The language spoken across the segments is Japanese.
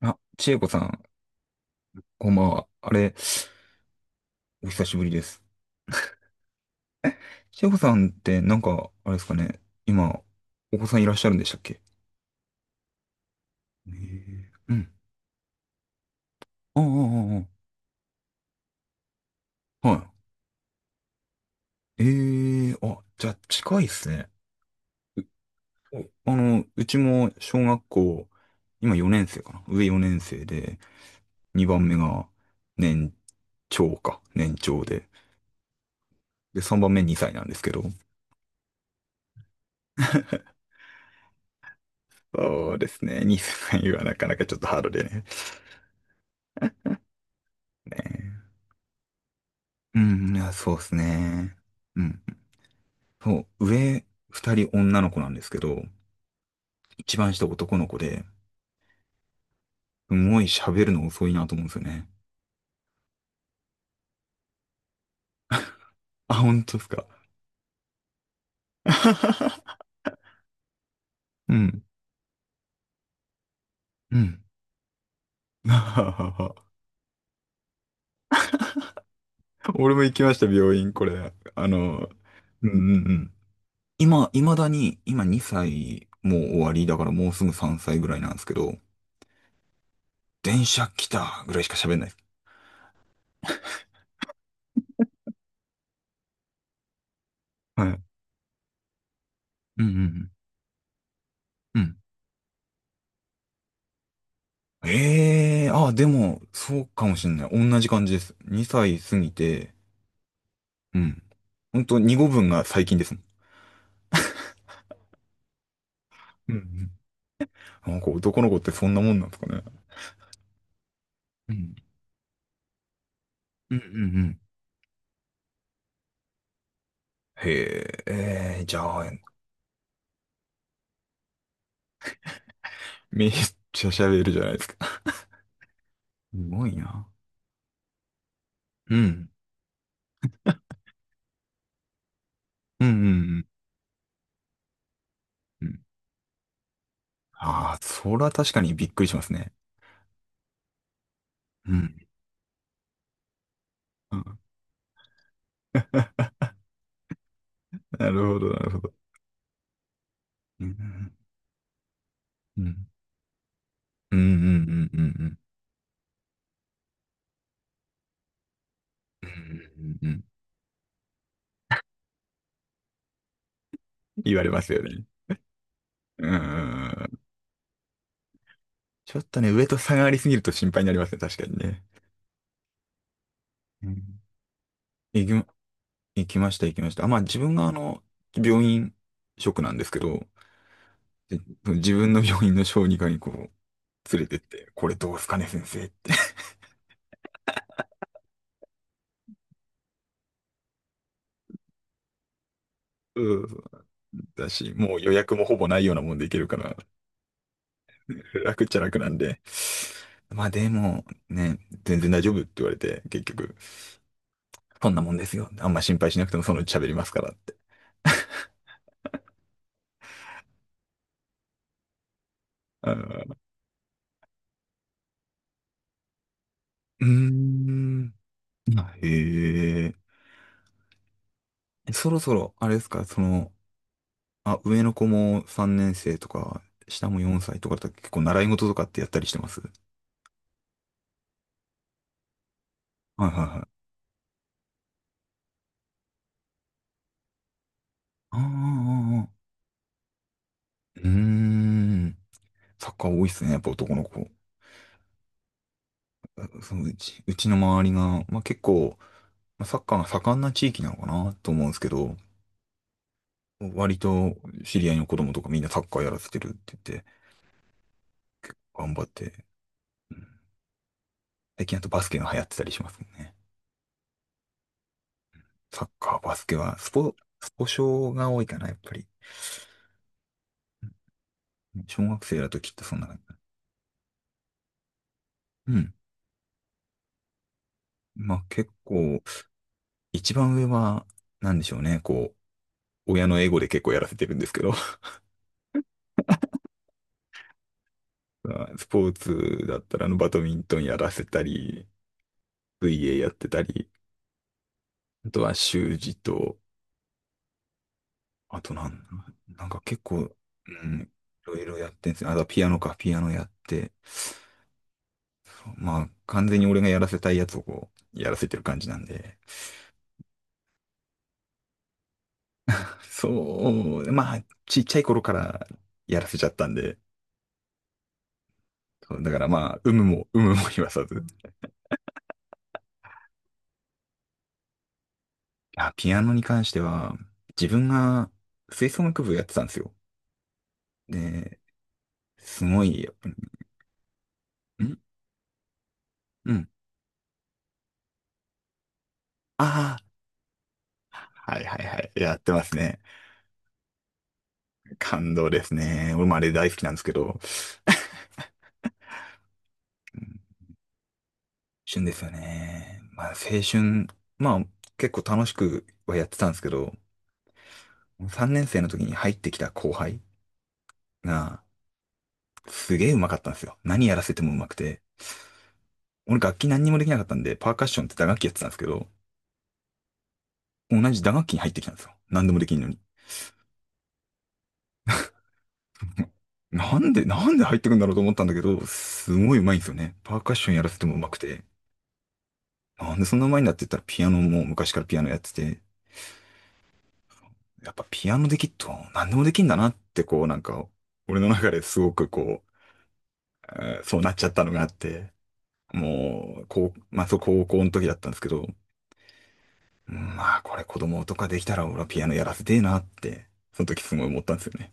あ、千恵子さん、こんばんは。あれ、お久しぶりです。千恵子さんって、なんか、あれですかね、今、お子さんいらっしゃるんでしたっけ？ええ、うん。ああ、ああ、ああ、はい。ええ、あ、じゃあ、近いっすね。う、あの、うちも小学校、今4年生かな。上4年生で、2番目が年長か。年長で。で、3番目2歳なんですけど。そうですね。2歳はなかなかちょっとハードでね。ね、うん、いや、そうですね。うん。そう、上二人女の子なんですけど、一番下男の子で、すごい喋るの遅いなと思うんですよね。あ、本当ですか。うん。うん。俺も行きました、病院、これ。あの、うんうんうん。今、未だに、今2歳、もう終わり、だからもうすぐ3歳ぐらいなんですけど、電車来たぐらいしか喋んないです。はい。うんうんうん。うん。ええー、あ、でも、そうかもしんない。同じ感じです。2歳過ぎて、うん。ほんと、2語分が最近ですもん。うんうん。なんか男の子ってそんなもんなんですかね。うんうんうんうん。へえ、じゃあ、めっちゃ喋るじゃないですか。すごいな。うん。うんうんうんうん。ああ、それは確かにびっくりしますね。うんうん。 なるほど、なるほど。うん。うんうんうんうんうんうん。うんうんうんうん。言われますよね。うん。ちょっとね、上と差がありすぎると心配になりますね、確かにね。うん。行きま、行きました、行きました。あ、まあ自分があの、病院職なんですけど、で自分の病院の小児科にこう、連れてって、これどうすかね、先生って。うん、そうだし、もう予約もほぼないようなもんでいけるから、楽っちゃ楽なんで。まあでも、ね、全然大丈夫って言われて、結局、そんなもんですよ。あんま心配しなくてもそのうち喋りますからって。うん、うーん。あ、へえ。そろそろ、あれですか、その、あ、上の子も3年生とか、下も4歳とかだと結構習い事とかってやったりしてます？はいはいはい。ああ、ああ、ああ、うーん。サッカー多いっすね、やっぱ男の子。あ、そのうち、うちの周りが、まあ結構、まあサッカーが盛んな地域なのかなと思うんですけど、割と知り合いの子供とかみんなサッカーやらせてるって言って、頑張って、最近あとバスケが流行ってたりしますもんね。サッカー、バスケは、スポ少が多いかな、やっぱり。小学生だときっとそんな感じ。うん。まあ結構、一番上は、なんでしょうね、こう、親のエゴで結構やらせてるんですけど、まあスポーツだったら、あの、バドミントンやらせたり、水泳やってたり、あとは習字と、あとなんか結構、うん、いろいろやってんですね。あとはピアノか、ピアノやって、まあ完全に俺がやらせたいやつをこう、やらせてる感じなんで、そう、まあ、ちっちゃい頃からやらせちゃったんで、そうだからまあ、有無も、有無も言わさず。あ、ピアノに関しては、自分が吹奏楽部やってたんですよ。で、すごい、やっぱん、うん。ああ、はいはいはい。やってますね。感動ですね。俺もあれ大好きなんですけど。うん、旬ですよね。まあ、青春、まあ、結構楽しくはやってたんですけど、3年生の時に入ってきた後輩が、すげえうまかったんですよ。何やらせてもうまくて。俺楽器何にもできなかったんで、パーカッションって打楽器やってたんですけど、同じ打楽器に入ってきたんですよ。何でもできんのに。なんで入ってくんだろうと思ったんだけど、すごいうまいんですよね。パーカッションやらせてもうまくて。なんでそんなうまいんだって言ったらピアノも昔からピアノやってて、やっぱピアノできっと何でもできんだなってこうなんか、俺の中ですごくこう、そうなっちゃったのがあって、もう、こう、まあそう高校の時だったんですけど、うん、まあ、これ子供とかできたら俺はピアノやらせてえなって、その時すごい思ったんですよね。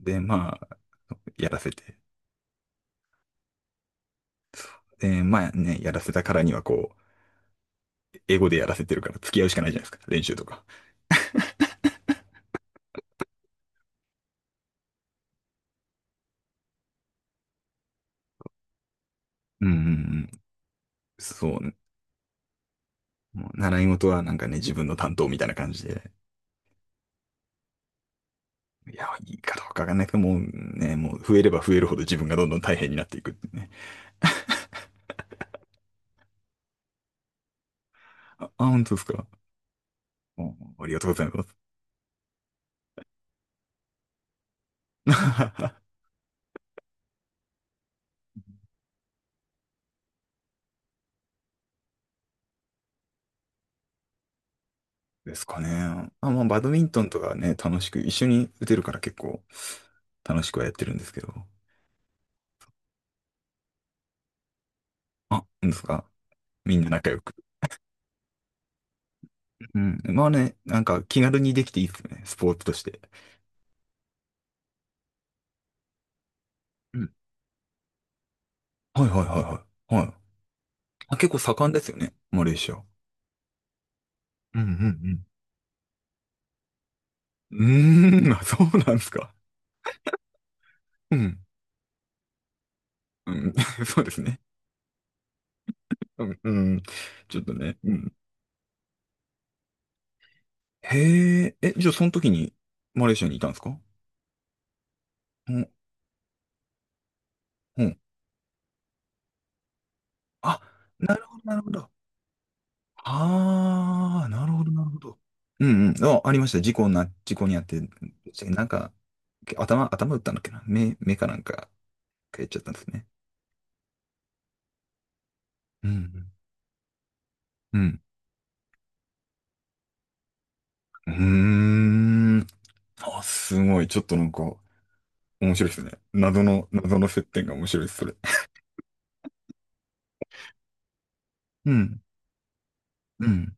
で、まあ、やらせて。で、まあね、やらせたからにはこう、英語でやらせてるから付き合うしかないじゃないですか、練習とか。うんうんうん。そうね。もう習い事はなんかね、自分の担当みたいな感じで。いや、いいかどうかわかんないけど、もうね、もう増えれば増えるほど自分がどんどん大変になっていくってね。あ、あ、本当ですか。お、ありがとうございます。ですかね。あ、まあ、バドミントンとかね、楽しく、一緒に打てるから結構楽しくはやってるんですけど。あ、なんですか？みんな仲良く。うん。まあね、なんか気軽にできていいですよね、スポーツとして。うん。はいはいはいはい。はい。あ、結構盛んですよね、マレーシア。うんうんうん、うーん、あ、そうなんですか。うん。うん、そうですね。うん、うん。ちょっとね。うん。へえ、え、じゃあその時にマレーシアにいたんですか？うん、うん。あ、なるほど、なるほど。ああ、なるほど、なるほど。うんうん。あ、ありました。事故にあって、なんか、頭打ったんだっけな。目かなんか、やっちゃったんですね。うん。うん。うん。うーん。あ、すごい。ちょっとなんか、面白いですね。謎の、謎の接点が面白いです、それ。うん。うん。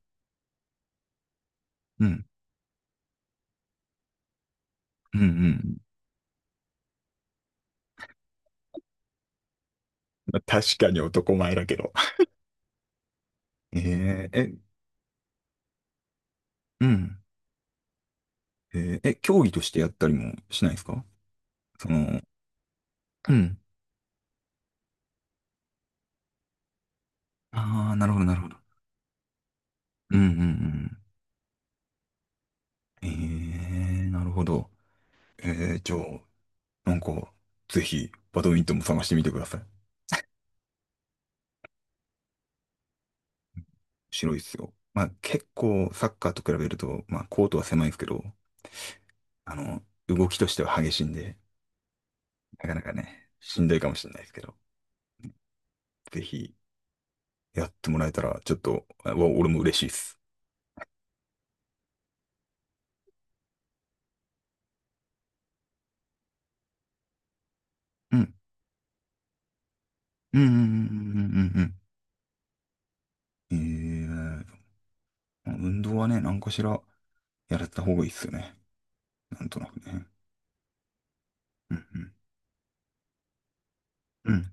うん。うん。うん、まあ確かに男前だけど。えー、え、うん。ええ、競技としてやったりもしないですか？その、うん。ああ、なるほど、なるほど。うん、うん、ええー、なるほど。ええ、じゃあ、なんか、ぜひ、バドミントンも探してみてください。面白いですよ。まあ、結構、サッカーと比べると、まあ、コートは狭いですけど、あの、動きとしては激しいんで、なかなかね、しんどいかもしれないですけど、ぜひ、やってもらえたら、ちょっと、俺も嬉しいです。うん。うん、うん、うん、うん、うん。うん、ええ、運動はね、何かしら、やられた方がいいですよね。なんとなくね。うん、うん、うん、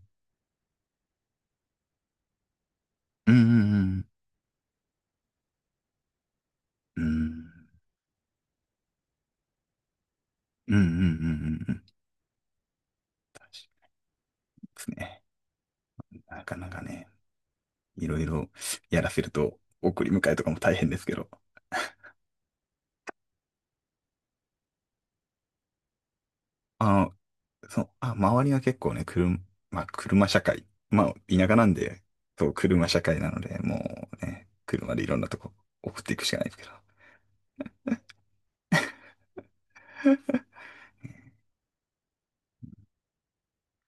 うん、うん、うん。うんうんうんうんうんうん。確かにですね。なかなかね、いろいろやらせると、送り迎えとかも大変ですけど。あの、そう、あ、周りが結構ね、車、まあ、車社会。まあ、田舎なんで、そう、車社会なので、もうね、車でいろんなとこ送っていくしかないですけど。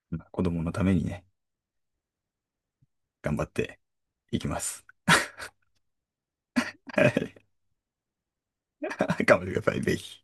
まあ子供のためにね、頑張っていきます。はい。頑張ってください、ぜひ。